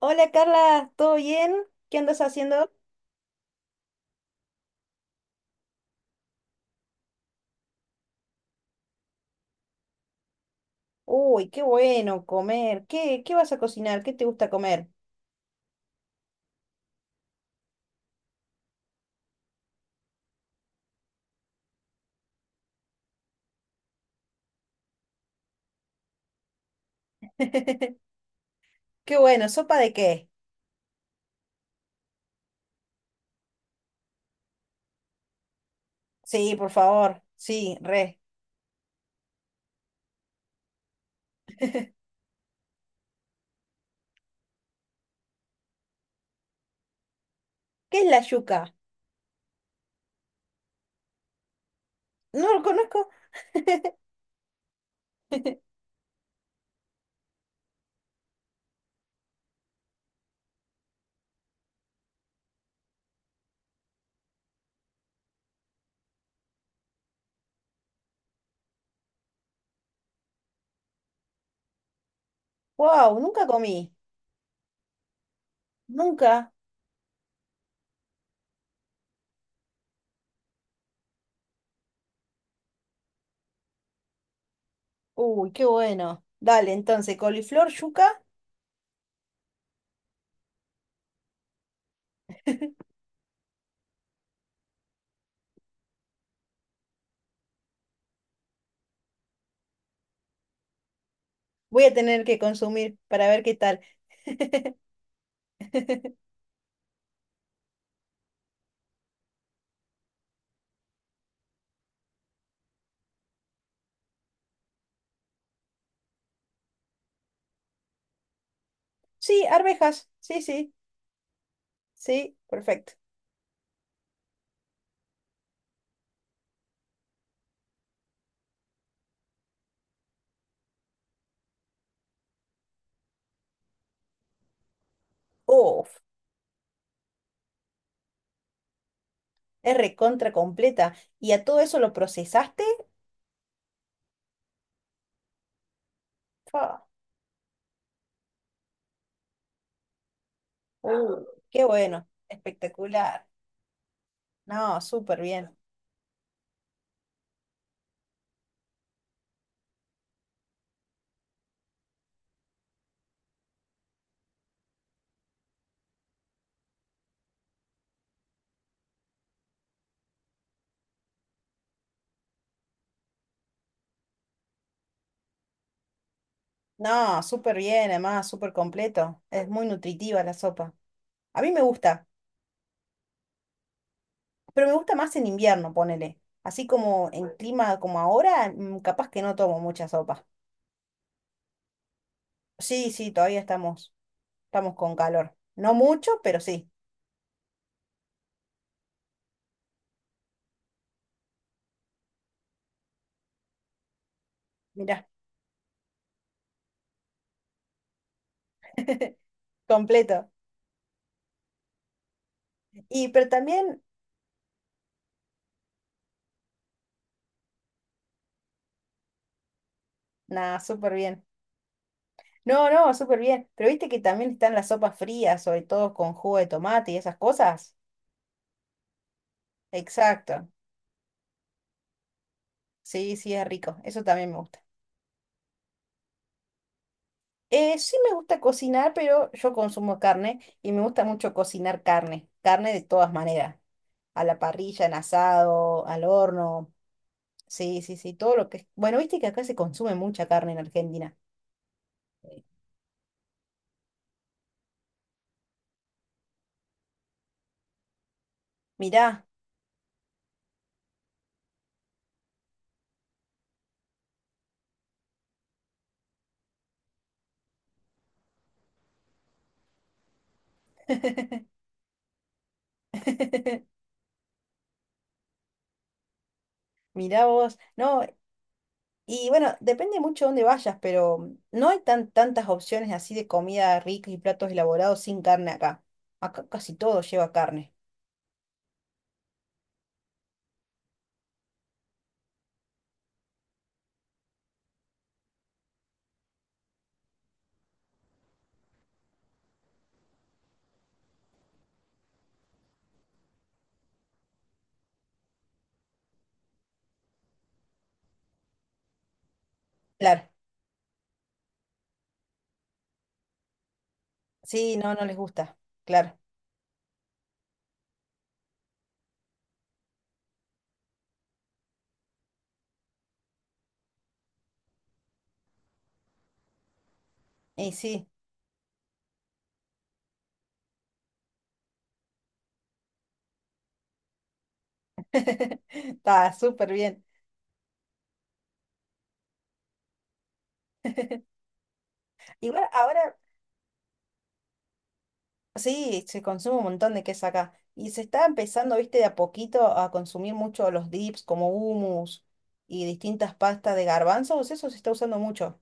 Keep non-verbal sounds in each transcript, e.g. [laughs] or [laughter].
Hola Carla, ¿todo bien? ¿Qué andas haciendo? Uy, qué bueno comer. ¿Qué vas a cocinar? ¿Qué te gusta comer? [laughs] Qué bueno, ¿sopa de qué? Sí, por favor. Sí, re. [laughs] ¿Qué es la yuca? No lo conozco. [laughs] Wow, nunca comí. Nunca. Uy, qué bueno. Dale, entonces, coliflor, yuca, voy a tener que consumir para ver qué tal. [laughs] Sí, arvejas. Sí, sí. Sí, perfecto. Uf. Es recontra completa. ¿Y a todo eso lo procesaste? Fa, qué bueno, espectacular. No, súper bien. No, súper bien, además, súper completo. Es muy nutritiva la sopa. A mí me gusta, pero me gusta más en invierno, ponele. Así como en clima como ahora, capaz que no tomo mucha sopa. Sí, sí, todavía estamos con calor. No mucho, pero sí. Mirá, [laughs] completo. Y pero también, nada, súper bien. No, no, súper bien. Pero viste que también están las sopas frías, sobre todo con jugo de tomate y esas cosas. Exacto. Sí, sí, es rico. Eso también me gusta. Sí me gusta cocinar, pero yo consumo carne y me gusta mucho cocinar carne. Carne de todas maneras. A la parrilla, en asado, al horno. Sí, sí, sí, todo lo que... es Bueno, viste que acá se consume mucha carne en Argentina. Mirá, [laughs] mirá vos. No. Y bueno, depende mucho de dónde vayas, pero no hay tantas opciones así de comida rica y platos elaborados sin carne acá. Acá casi todo lleva carne. Claro. Sí, no, no les gusta. Claro. Y sí, [laughs] está súper bien. Igual ahora sí, se consume un montón de queso acá. Y se está empezando, viste, de a poquito a consumir mucho los dips como hummus y distintas pastas de garbanzos. Eso se está usando mucho.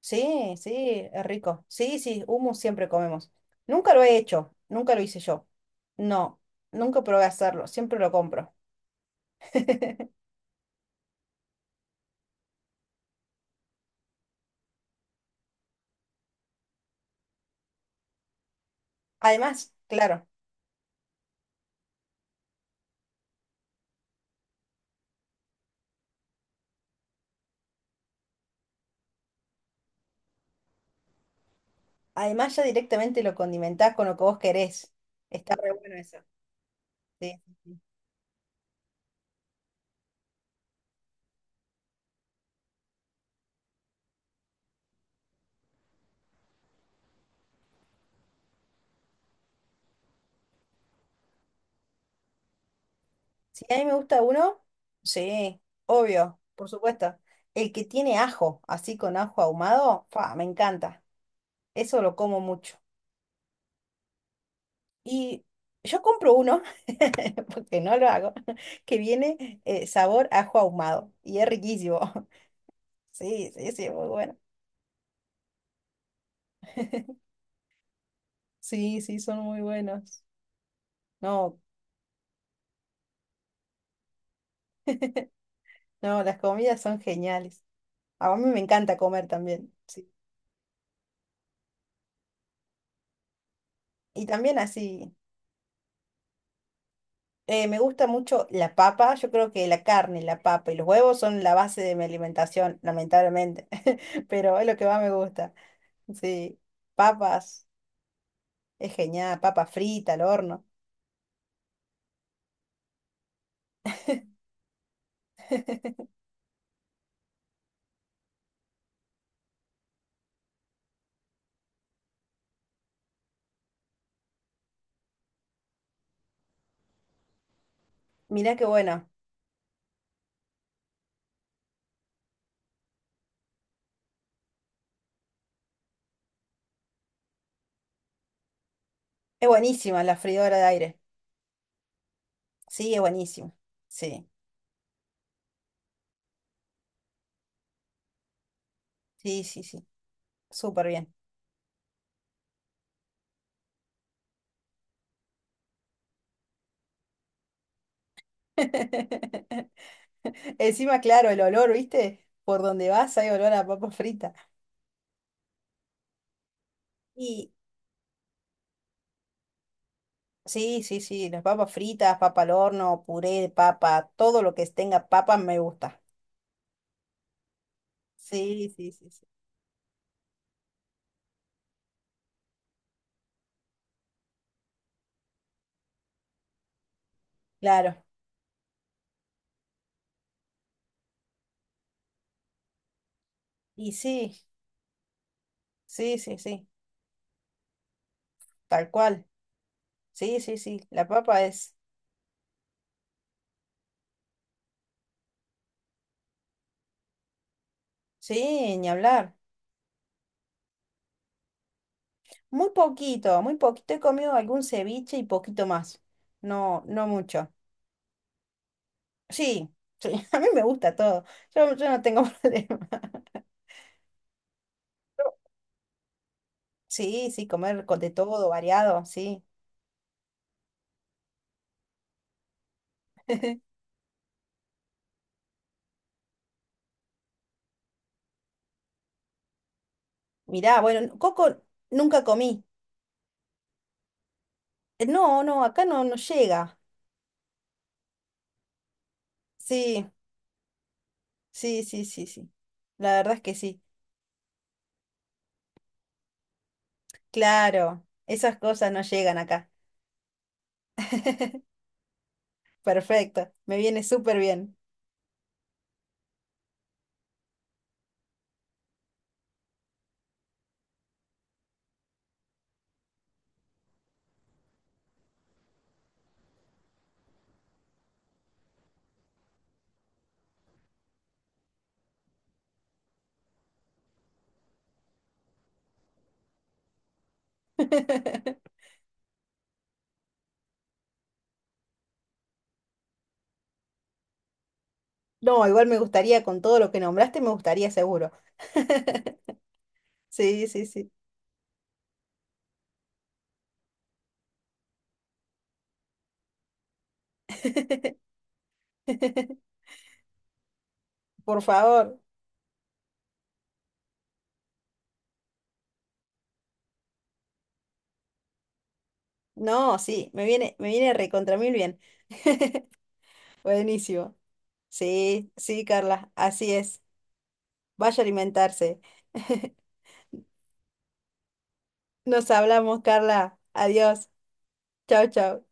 Sí, sí, es rico. Sí, sí, hummus siempre comemos. Nunca lo he hecho, nunca lo hice yo. No, nunca probé hacerlo, siempre lo compro. Además, claro, además ya directamente lo condimentás con lo que vos querés. Está re bueno eso. Sí, sí, sí. Si a mí me gusta uno, sí, obvio, por supuesto. El que tiene ajo, así con ajo ahumado, fa, me encanta. Eso lo como mucho. Y yo compro uno, [laughs] porque no lo hago, [laughs] que viene sabor ajo ahumado y es riquísimo. [laughs] Sí, sí, sí, muy bueno. Sí, sí, son muy buenos. No, no, las comidas son geniales. A mí me encanta comer también. Sí. Y también así, me gusta mucho la papa. Yo creo que la carne, la papa y los huevos son la base de mi alimentación, lamentablemente. [laughs] Pero es lo que más me gusta. Sí, papas, es genial, papa frita al horno. [laughs] Mirá qué buena. Es buenísima la freidora de aire. Sí, es buenísimo. Sí, sí, sí, sí. Súper bien. [laughs] Encima, claro, el olor, ¿viste? Por donde vas hay olor a papa frita. Y sí, sí, sí, las papas fritas, papa al horno, puré de papa, todo lo que tenga papa me gusta. Sí, sí, sí, sí. Claro. Y sí, sí, sí, sí. Tal cual. Sí, sí, sí. La papa es. Sí, ni hablar. Muy poquito, muy poquito. He comido algún ceviche y poquito más. No, no mucho. Sí, sí, [laughs] a mí me gusta todo. Yo no tengo [laughs] problema. Sí, sí, comer con de todo, variado, sí. Mirá, bueno, coco nunca comí. No, no, acá no, no llega. Sí, sí, sí, sí, sí. La verdad es que sí. Claro, esas cosas no llegan acá. [laughs] Perfecto, me viene súper bien. [laughs] No, igual me gustaría, con todo lo que nombraste, me gustaría seguro. Sí, sí, sí. [laughs] Por favor. No, sí, me viene recontra mil bien. Buenísimo. Sí, sí, Carla, así es. Vaya a alimentarse. [laughs] Nos hablamos, Carla. Adiós. Chau, chau.